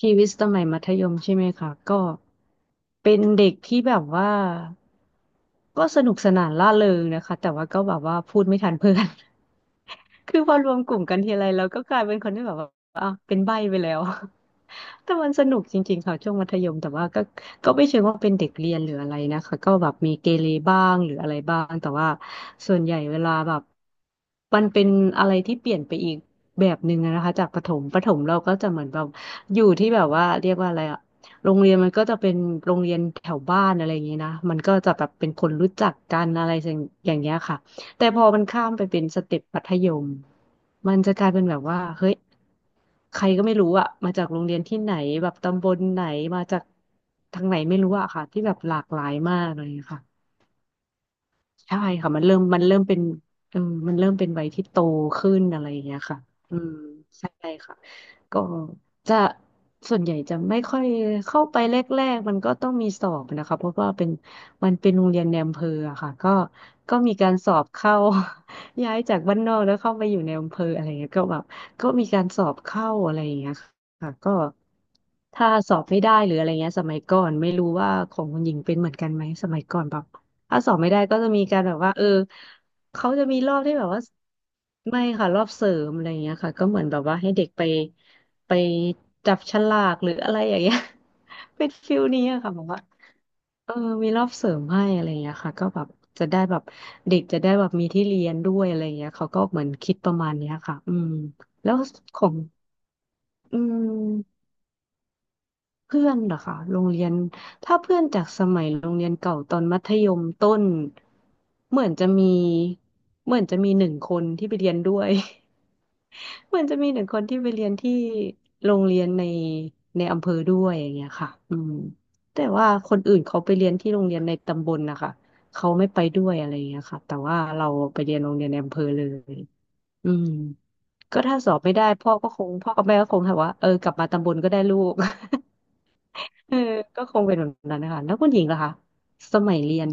ชีวิตสมัยมัธยมใช่ไหมคะก็เป็นเด็กที่แบบว่าก็สนุกสนานร่าเริงนะคะแต่ว่าก็แบบว่าพูดไม่ทันเพื่อน คือพอรวมกลุ่มกันทีไรแล้วก็กลายเป็นคนที่แบบว่าอ่ะเป็นใบ้ไปแล้ว แต่มันสนุกจริงๆค่ะช่วงมัธยมแต่ว่าก็ก็ไม่เชิงว่าเป็นเด็กเรียนหรืออะไรนะคะก็แบบมีเกเรบ้างหรืออะไรบ้างแต่ว่าส่วนใหญ่เวลาแบบมันเป็นอะไรที่เปลี่ยนไปอีกแบบหนึ่งอะนะคะจากประถมประถมเราก็จะเหมือนแบบอยู่ที่แบบว่าเรียกว่าอะไรอะโรงเรียนมันก็จะเป็นโรงเรียนแถวบ้านอะไรอย่างนี้นะมันก็จะแบบเป็นคนรู้จักกันอะไรอย่างเงี้ยค่ะแต่พอมันข้ามไปเป็นสเต็ปมัธยมมันจะกลายเป็นแบบว่าเฮ้ย ใครก็ไม่รู้อะมาจากโรงเรียนที่ไหนแบบตำบลไหนมาจากทางไหนไม่รู้อะค่ะที่แบบหลากหลายมากเลยค่ะ ใช่ค่ะมันเริ่มเป็นเออมันเริ่มเป็นวัยที่โตขึ้นอะไรอย่างเงี้ยค่ะอืมใช่ค่ะก็จะส่วนใหญ่จะไม่ค่อยเข้าไปแรกๆมันก็ต้องมีสอบนะคะเพราะว่าเป็นมันเป็นโรงเรียนในอำเภออะค่ะก็ก็มีการสอบเข้า ย้ายจากบ้านนอกแล้วเข้าไปอยู่ในอำเภออะไรเงี้ยก็แบบก็มีการสอบเข้าอะไรอย่างเงี้ยค่ะก็ถ้าสอบไม่ได้หรืออะไรเงี้ยสมัยก่อนไม่รู้ว่าของคุณหญิงเป็นเหมือนกันไหมสมัยก่อนแบบ ถ้าสอบไม่ได้ก็จะมีการแบบว่าเออเขาจะมีรอบที่แบบว่าไม่ค่ะรอบเสริมอะไรอย่างเงี้ยค่ะก็เหมือนแบบว่าให้เด็กไปไปจับฉลากหรืออะไรอย่างเงี้ย เป็นฟิลนี้อะค่ะแบบว่าเออมีรอบเสริมให้อะไรอย่างเงี้ยค่ะก็แบบจะได้แบบเด็กจะได้แบบมีที่เรียนด้วยอะไรอย่างเงี้ยเขาก็เหมือนคิดประมาณเนี้ยค่ะอืมแล้วของอืม เพื่อนเหรอคะโรงเรียนถ้าเพื่อนจากสมัยโรงเรียนเก่าตอนมัธยมต้นเหมือนจะมีเหมือนจะมีหนึ่งคนที่ไปเรียนด้วย เหมือนจะมีหนึ่งคนที่ไปเรียนที่โรงเรียนในในอำเภอด้วยอย่างเงี้ยค่ะอืมแต่ว่าคนอื่นเขาไปเรียนที่โรงเรียนในตำบลนะคะเขาไม่ไปด้วยอะไรอย่างเงี้ยค่ะแต่ว่าเราไปเรียนโรงเรียนในอำเภอเลยอืมก็ถ้าสอบไม่ได้พ่อก็คงพ่อกับแม่ก็คงถามว่าเออกลับมาตำบลก็ได้ลูก เออก็คงเป็นแบบนั้นนะคะแล้วคุณหญิงล่ะคะ สมัยเรียน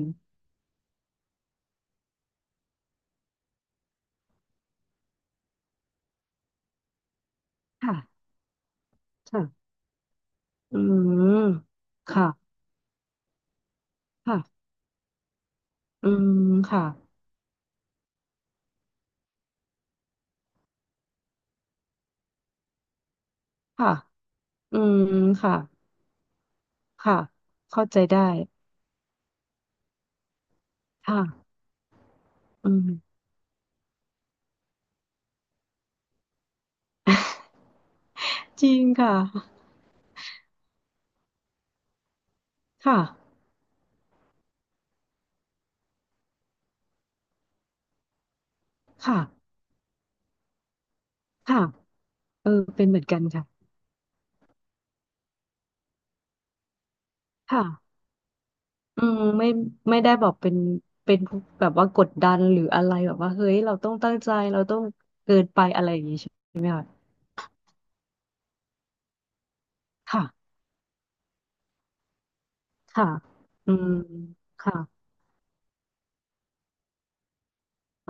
ค่ะค่ะอืมค่ะค่ะอืมค่ะค่ะอืมค่ะค่ะเข้าใจได้ค่ะอืมจริงค่ะค่ะค่ะค่ะเออเป็นเหมือนกันค่ะค่ะอืมไม่ไม่ได้บอกเป็นเป็นแบบว่ากดดันหรืออะไรแบบว่าเฮ้ยเราต้องตั้งใจเราต้องเกินไปอะไรอย่างนี้ใช่ไหมคะค่ะค่ะอืมค่ะ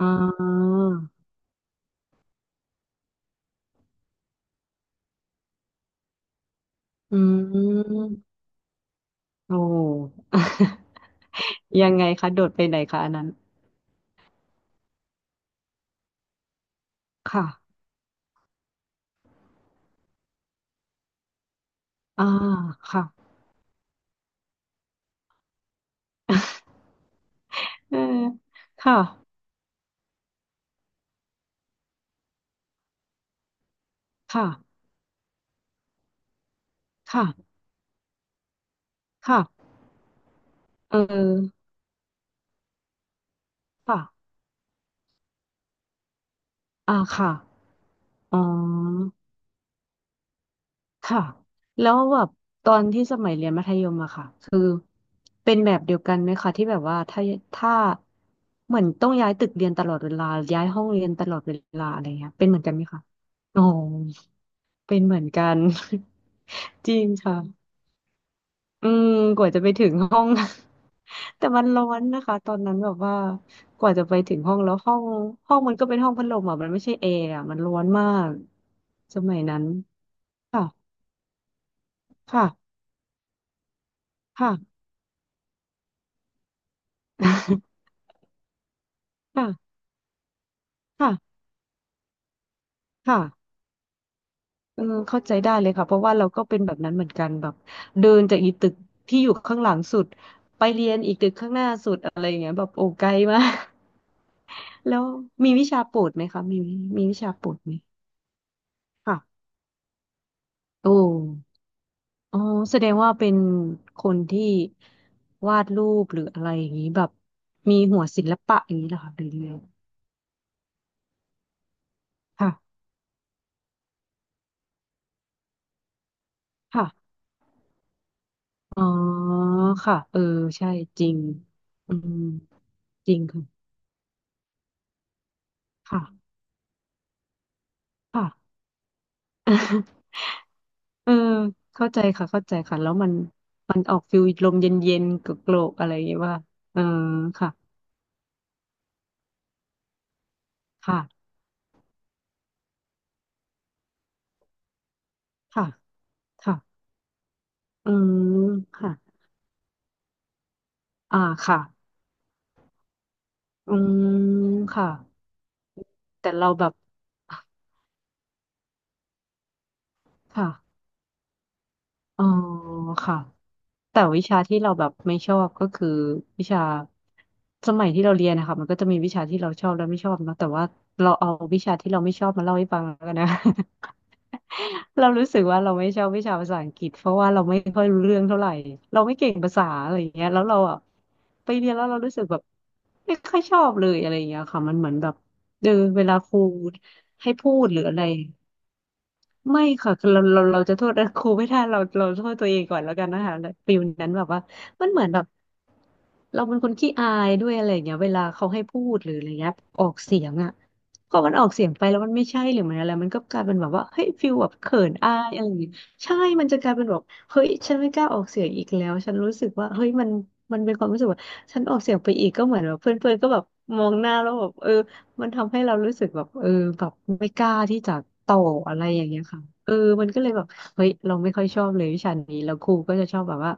อ่าอืมโอ้ ยังไงคะ โดดไปไหนคะอันนั้นค่ะอ่าค่ะเออค่ะค่ะค่ะค่ะเออค่ะอ่าค่ะอ๋อค่ะแล้วแบบตอนที่สมัยเรียนมัธยมอะค่ะ คือเป็นแบบเดียวกันไหมคะที่แบบว่าถ้าถ้าเหมือนต้องย้ายตึกเรียนตลอดเวลา ย้ายห้องเรียนตลอดเวลาอะไรเงี้ยเป็นเหมือนกันไหมคะอ๋อ เป็นเหมือนกัน จริงค่ะอืมกว่าจะไปถึงห้อง แต่มันร้อนนะคะตอนนั้นแบบว่ากว่าจะไปถึงห้องแล้วห้องมันก็เป็นห้องพัดลมอ่ะมันไม่ใช่แอร์อ่ะมันร้อนมากสมัยนั้นค่ะค่ะค่ะ ค่ะค่ะค่ะเออเข้าใจได้เลยค่ะเพราะว่าเราก็เป็นแบบนั้นเหมือนกันแบบเดินจากอีตึกที่อยู่ข้างหลังสุดไปเรียนอีกตึกข้างหน้าสุดอะไรอย่างเงี้ยแบบโอ้ไกลมาก แล้วมีวิชาโปรดไหมคะมีมีวิชาโปรดไหมค่ะโอ้อ๋อแสดงว่าเป็นคนที่วาดรูปหรืออะไรอย่างนี้แบบมีหัวศิลปะอย่างนี้เหรอคะหรือยังไงค่ะค่ะอ๋อค่ะเออใช่จริงอืมจริงค่ะค่ะค่ะ เออเข้าใจค่ะเข้าใจค่ะแล้วมันมันออกฟิลลมเย็นๆกโกรกๆอะไรอย่างเงี้ยว่าเออค่ะค่ะค่ะค่ะอืมค่ะ อ่าค่ะ อืมค่ะ แต่เราแบบค่ะอ๋อค่ะ แต่วิชาที่เราแบบไม่ชอบก็คือวิชาสมัยที่เราเรียนนะคะมันก็จะมีวิชาที่เราชอบและไม่ชอบเนอะแต่ว่าเราเอาวิชาที่เราไม่ชอบมาเล่าให้ฟังแล้วกันนะ เรารู้สึกว่าเราไม่ชอบวิชาภาษาอังกฤษเพราะว่าเราไม่ค่อยรู้เรื่องเท่าไหร่เราไม่เก่งภาษาอะไรอย่างเงี้ยแล้วเราอ่ะไปเรียนแล้วเรารู้สึกแบบไม่ค่อยชอบเลยอะไรอย่างเงี้ยค่ะมันเหมือนแบบเออเวลาครูให้พูดหรืออะไร ไม่ค่ะคือเราจะโทษ ครูไม่ได้เราโทษตัวเองก่อนแล้วกันนะคะฟิลนั้นแบบว่ามันเหมือนแบบเราเป็นคนขี้อายด้วยอะไรอย่างเงี้ยเวลาเขาให้พูดหรืออะไรเงี้ยออกเสียงอ่ะพอมันออกเสียงไปแล้วมันไม่ใช่หรือมันอะไรมันก็กลายเป็นแบบว่าเฮ้ยฟิลแบบเขินอายอะไรอย่างเงี้ยใช่มันจะกลายเป็นแบบเฮ้ยฉันไม่กล้าออกเสียงอีกแล้วฉันรู้สึกว่าเฮ้ยมันมันเป็นความรู้สึกว่าฉันออกเสียงไปอีกก็เหมือนแบบเพื่อนๆก็แบบมองหน้าแล้วแบบเออ มันทำให้เรารู้สึกแบบเออแบบไม่กล้าที่จะต่ออะไรอย่างเงี้ยค่ะเออมันก็เลยแบบเฮ้ยเราไม่ค่อยชอบเลยวิชานี้แล้วครูก็จะชอบแบบว่า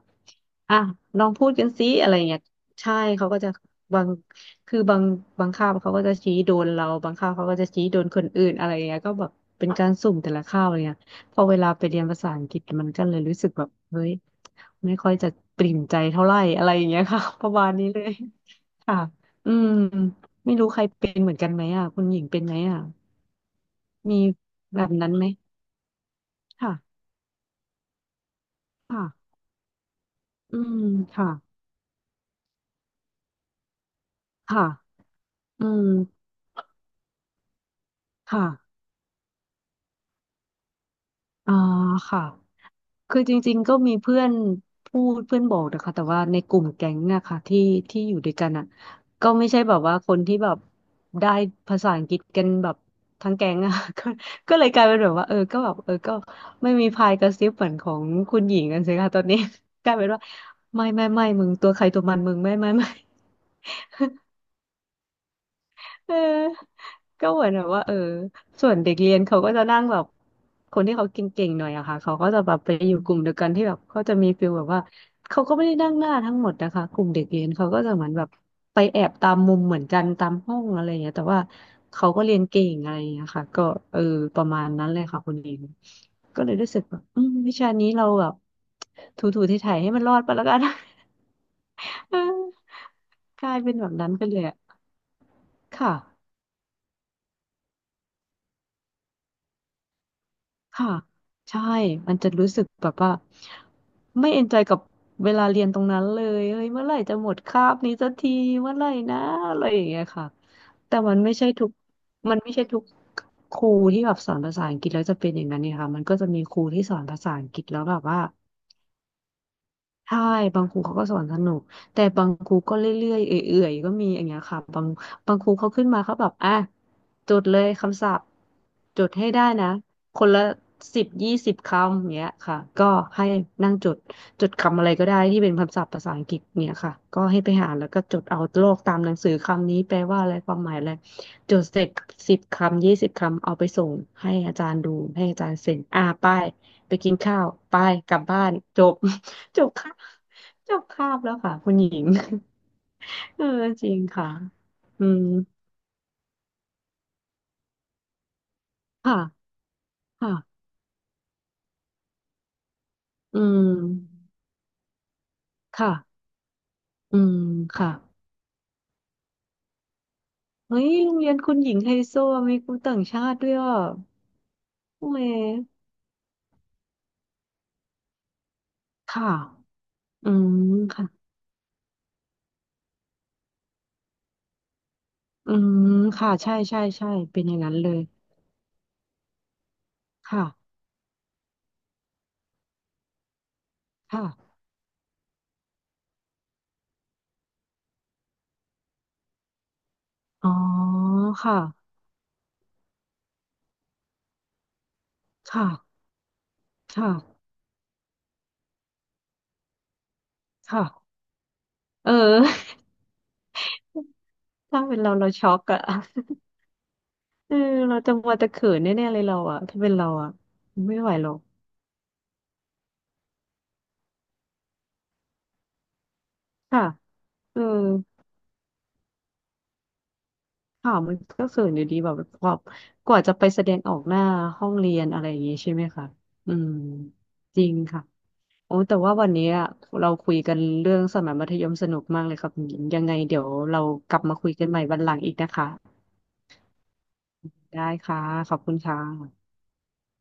อ่ะลองพูดกันสิอะไรเงี้ยใช่เขาก็จะบางคือบางบางคาบเขาก็จะชี้โดนเราบางคาบเขาก็จะชี้โดนคนอื่นอะไรเงี้ยก็แบบเป็นการสุ่มแต่ละคาบอะไรเงี้ยพอเวลาไปเรียนภาษาอังกฤษมันก็เลยรู้สึกแบบเฮ้ยไม่ค่อยจะปริ่มใจเท่าไหร่อะไรอย่างเงี้ยค่ะ ประมาณนี้เลย ค่ะอืมไม่รู้ใครเป็นเหมือนกันไหมอ่ะคุณหญิงเป็นไหมอ่ะมีแบบนั้นไหมค่ะค่ะอืมค่ะค่ะอืมค่ะอ่าค่ะ คือจริงๆก็มีเพื่อนบอกนะคะแต่ว่าในกลุ่มแก๊งอะค่ะที่ที่อยู่ด้วยกันอะก็ไม่ใช่แบบว่าคนที่แบบได้ภาษาอังกฤษกันแบบทั้งแก๊งอะ ก็ก็เลยกลายเป็นแบบว่าเออก็แบบเออก็ไม่มีพายกระซิบเหมือนของคุณหญิงกันสิค่ะตอนนี้ กลายเป็นว่าไม่ไม่ไม่มึงตัวใครตัวมันมึงไม่ไม่ไม่ เออก็เหมือนแบบว่าเออส่วนเด็กเรียนเขาก็จะนั่งแบบคนที่เขาเก่งๆหน่อยอะค่ะเขาก็จะแบบไปอยู่กลุ่มเดียวกันที่แบบเขาจะมีฟิลแบบว่าเขาก็ไม่ได้นั่งหน้าทั้งหมดนะคะกลุ่มเด็กเรียนเขาก็จะเหมือนแบบไปแอบตามมุมเหมือนกันตามห้องอะไรอย่างเงี้ยแต่ว่าเขาก็เรียนเก่งอะไรอย่างเงี้ยค่ะก็เออประมาณนั้นเลยค่ะคุณเองก็เลยรู้สึกแบบอืมวิชานี้เราแบบถูๆไถๆให้มันรอดไปแล้วกัน เออกลายเป็นแบบนั้นไปเลยอะค่ะ ค่ะใช่มันจะรู้สึกแบบว่าไม่เอนจอยกับเวลาเรียนตรงนั้นเลยเฮ้ยเมื่อไหร่จะหมดคาบนี้สักทีเมื่อไหร่นะอะไรอย่างเงี้ยค่ะแต่มันไม่ใช่ทุกครูที่แบบสอนภาษาอังกฤษแล้วจะเป็นอย่างนั้นเนี่ยค่ะมันก็จะมีครูที่สอนภาษาอังกฤษแล้วแบบว่า ใช่บางครูเขาก็สอนสนุกแต่บางครูก็เรื่อยๆเอื่อยๆก็มีอย่างเงี้ยค่ะบางครูเขาขึ้นมาเขาแบบอ่ะจดเลยคำศัพท์จดให้ได้นะคนละ10-20 คำอย่างเงี้ยค่ะก็ให้นั่งจดจดคำอะไรก็ได้ที่เป็นคำศัพท์ภาษาอังกฤษเนี่ยค่ะก็ให้ไปหาแล้วก็จดเอาโลกตามหนังสือคำนี้แปลว่าอะไรความหมายอะไรจดเสร็จ10 คำ 20 คำเอาไปส่งให้อาจารย์ดูให้อาจารย์เซ็นอ่าไปไปกินข้าวไปกลับบ้านจบ จบค่ะจบคาบแล้วค่ะคุณหญิง เออจริงค่ะอืมค่ะค่ะอืมค่ะอืมค่ะเฮ้ยโรงเรียนคุณหญิงไฮโซมีครูต่างชาติด้วยอ่ะโอ้ยค่ะอืมค่ะอืมค่ะใช่ใช่ใช่เป็นอย่างนั้นเลยค่ะค่ะอ๋อค่ะค่ะค่ะค่ะเออ ถ้าเป็นเราเราช็อกอะ เออเราจะมัวแต่เขินแน่ๆเลยเราอะถ้าเป็นเราอะไม่ไหวหรอกค่ะเออข่าวมันก็เขินอยู่ดีแบบกว่ากว่าจะไปแสดงออกหน้าห้องเรียนอะไรอย่างงี้ใช่ไหมคะอืมจริงค่ะโอ้แต่ว่าวันนี้อะเราคุยกันเรื่องสมัยมัธยมสนุกมากเลยครับคุณหญิงยังไงเดี๋ยวเรากลับมาคุยกันใหม่วันหลังอีกนะคะได้ค่ะขอบคุณค่ะ